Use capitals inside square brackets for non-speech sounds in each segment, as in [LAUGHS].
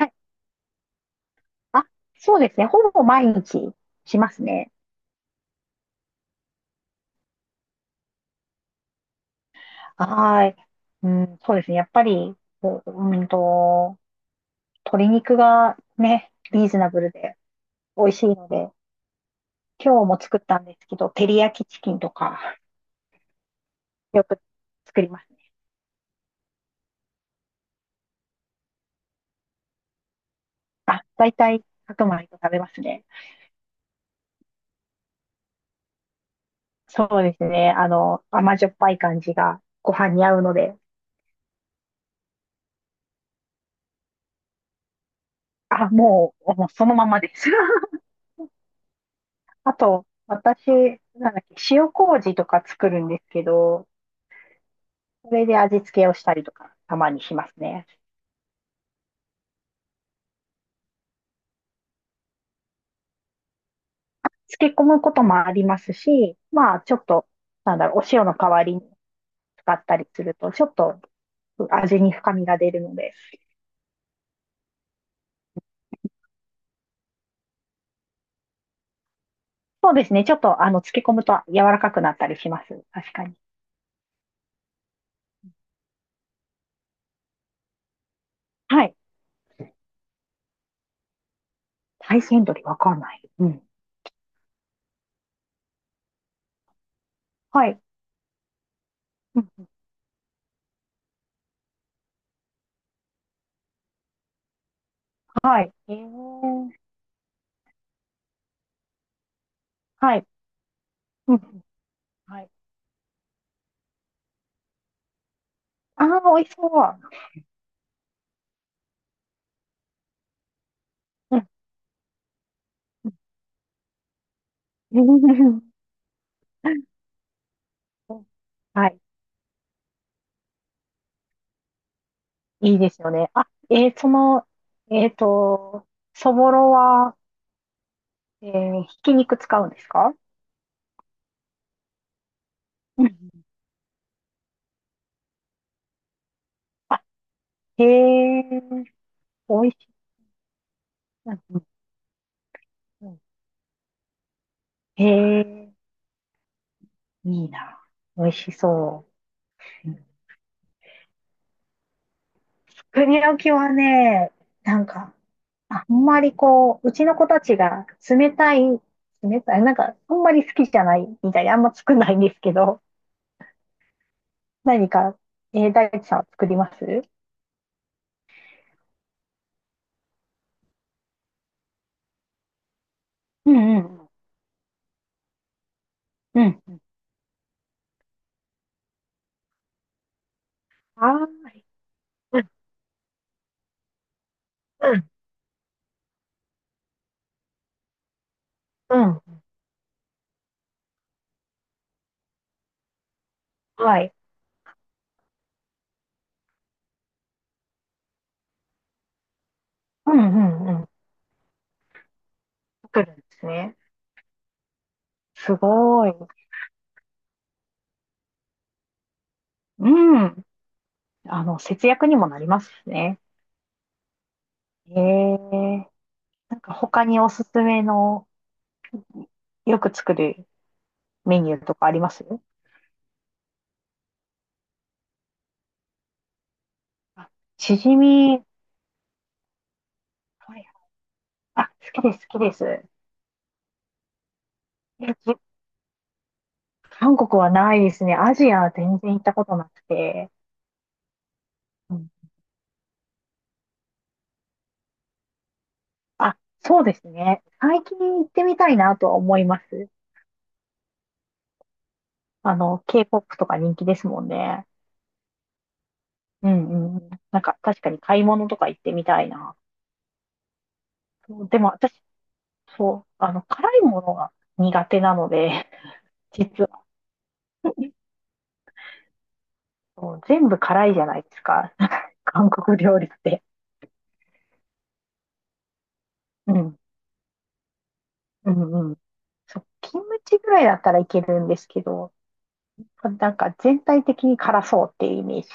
はい。あ、そうですね。ほぼ毎日しますね。はい。うん、そうですね。やっぱり、こう鶏肉がね、リーズナブルで美味しいので、今日も作ったんですけど、照り焼きチキンとか、よく作りますね。あ、大体白米と食べますね。そうですね。あの、甘じょっぱい感じがご飯に合うので、あ、もうそのままです。[LAUGHS] あと、私、なんだっけ、塩麹とか作るんですけど、それで味付けをしたりとか、たまにしますね。漬け込むこともありますし、まあ、ちょっと、なんだろう、お塩の代わりに使ったりすると、ちょっと味に深みが出るので。そうですね。ちょっと、漬け込むと柔らかくなったりします。確かに。はい。大山鶏わかんない。うん。はい。うんうん。はい。えー、はい。うんうん。はい。ああ、美味しそう。うんうん。 [LAUGHS] はい。いいですよね。あ、その、えっと、そぼろは、ひき肉使うんですか？うん。あ、へえ、美味しい。うんうん。へえ、いいな。美味しそう。うん。作りきはね、なんか、あんまりこう、うちの子たちが冷たい、なんか、あんまり好きじゃないみたいで、あんま作んないんですけど、何か、大地さんは作ります？うんうん。うん。ああん。うんうん、はい。うんうんうん。作るんですね。すごい。うん。あの、節約にもなりますしね。ええ。なんか他におすすめのよく作るメニューとかあります？あ、しじみ。はい。あ、好きです、好きです。え、じ韓国はないですね。アジアは全然行ったことなくて。うん、あ、そうですね。最近行ってみたいなとは思います。あの、K-POP とか人気ですもんね。うんうん。なんか確かに買い物とか行ってみたいな。そうでも私、そう、あの、辛いものが苦手なので、[LAUGHS] 実は、そう全部辛いじゃないですか。[LAUGHS] 韓国料理って。うん。うんうん。そう、キムチぐらいだったらいけるんですけど、なんか全体的に辛そうっていうイメージ。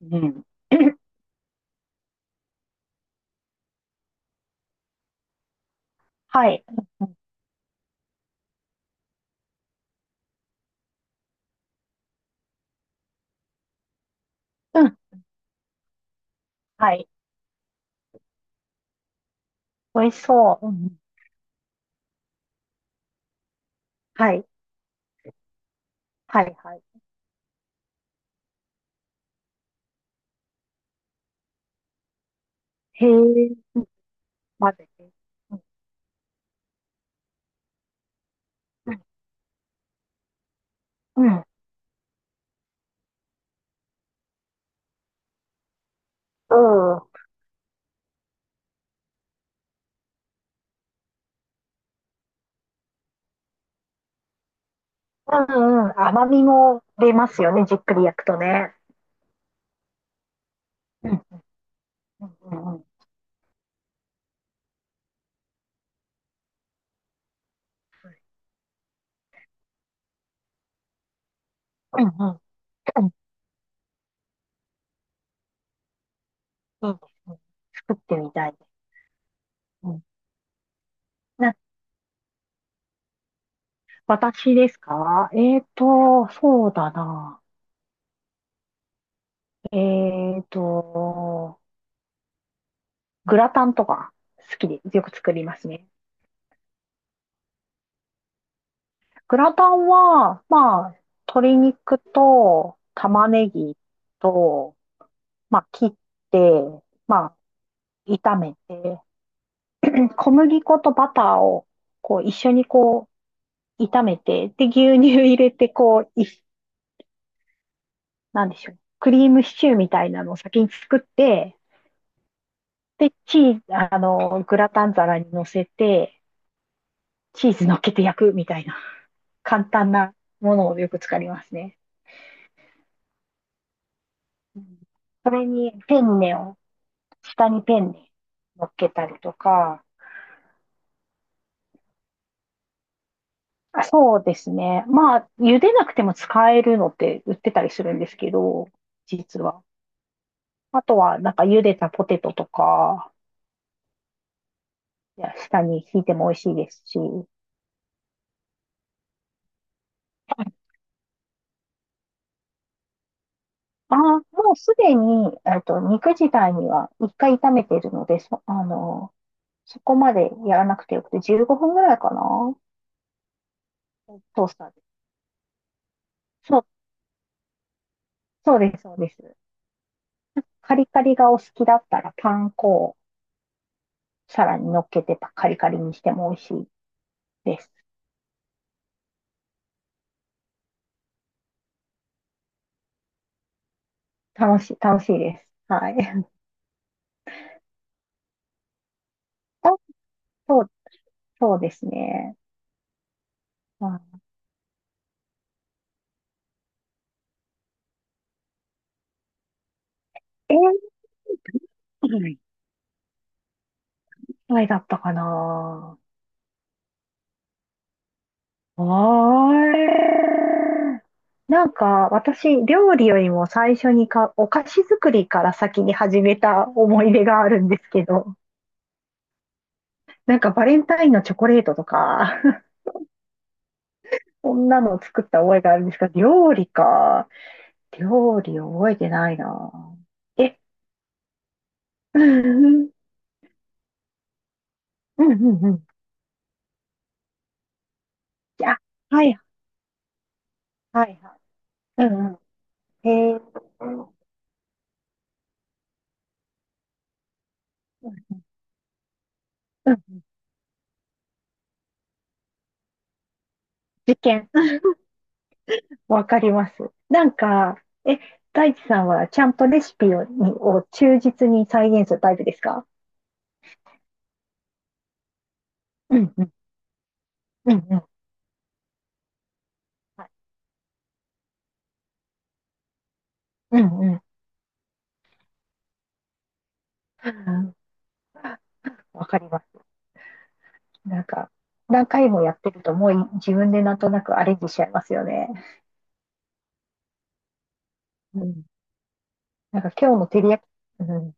うん。[LAUGHS] [CLEARS THROAT] はい。うん。はい。美味しそう。うんうん。はい。はいはい。へえ。混ぜて。うん。うん。うん。うんうんうん。甘みも出ますよね。じっくり焼くとね。うん。うんうんうん。うんうん。うん。いいですね。作ってみたいです。うん。な、私ですか？そうだな。えっと、グラタンとか好きでよく作りますね。グラタンは、まあ、鶏肉と玉ねぎと、まあ、切って、まあ、炒めて、小麦粉とバターをこう一緒にこう炒めて、で、牛乳入れて、こう、なんでしょう。クリームシチューみたいなのを先に作って、で、チーズ、あの、グラタン皿に乗せて、チーズ乗っけて焼くみたいな、簡単なものをよく使いますね。うん。それにペンネを、下にペンネ乗っけたりとか、あ、そうですね。まあ、茹でなくても使えるのって売ってたりするんですけど、実は。あとは、なんか茹でたポテトとか、いや、下に引いても美味しいですし、ああ、もうすでに、肉自体には一回炒めてるので、あの、そこまでやらなくてよくて、15分ぐらいかな。トースターで。そう、そうです、そうです。カリカリがお好きだったら、パン粉をさらに乗っけてカリカリにしても美味しいです。楽しい、楽しいです。はい。[LAUGHS] あ、そうそうですね。ういえー、いくらぐらいだったかな。あれ。なんか、私、料理よりも最初にか、お菓子作りから先に始めた思い出があるんですけど、なんかバレンタインのチョコレートとか、[LAUGHS] そんなのを作った覚えがあるんですが、料理か。料理覚えてないな。え、うんうんうんうんうん。あ、はいはいはい。うんうん。へえ。うんうん。実験。わかります。なんか、え、大地さんはちゃんとレシピを、にを忠実に再現するタイプですか？うんうん、うんうん。はい。うんうん。うん。わかります。なんか、何回もやってるともう自分でなんとなくアレンジしちゃいますよね。うん。なんか今日の照り焼き、うん。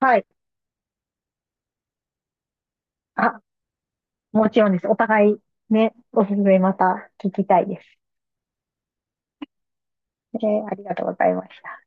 はい。あ、もちろんです。お互いね、おすすめまた聞きたいです。ありがとうございました。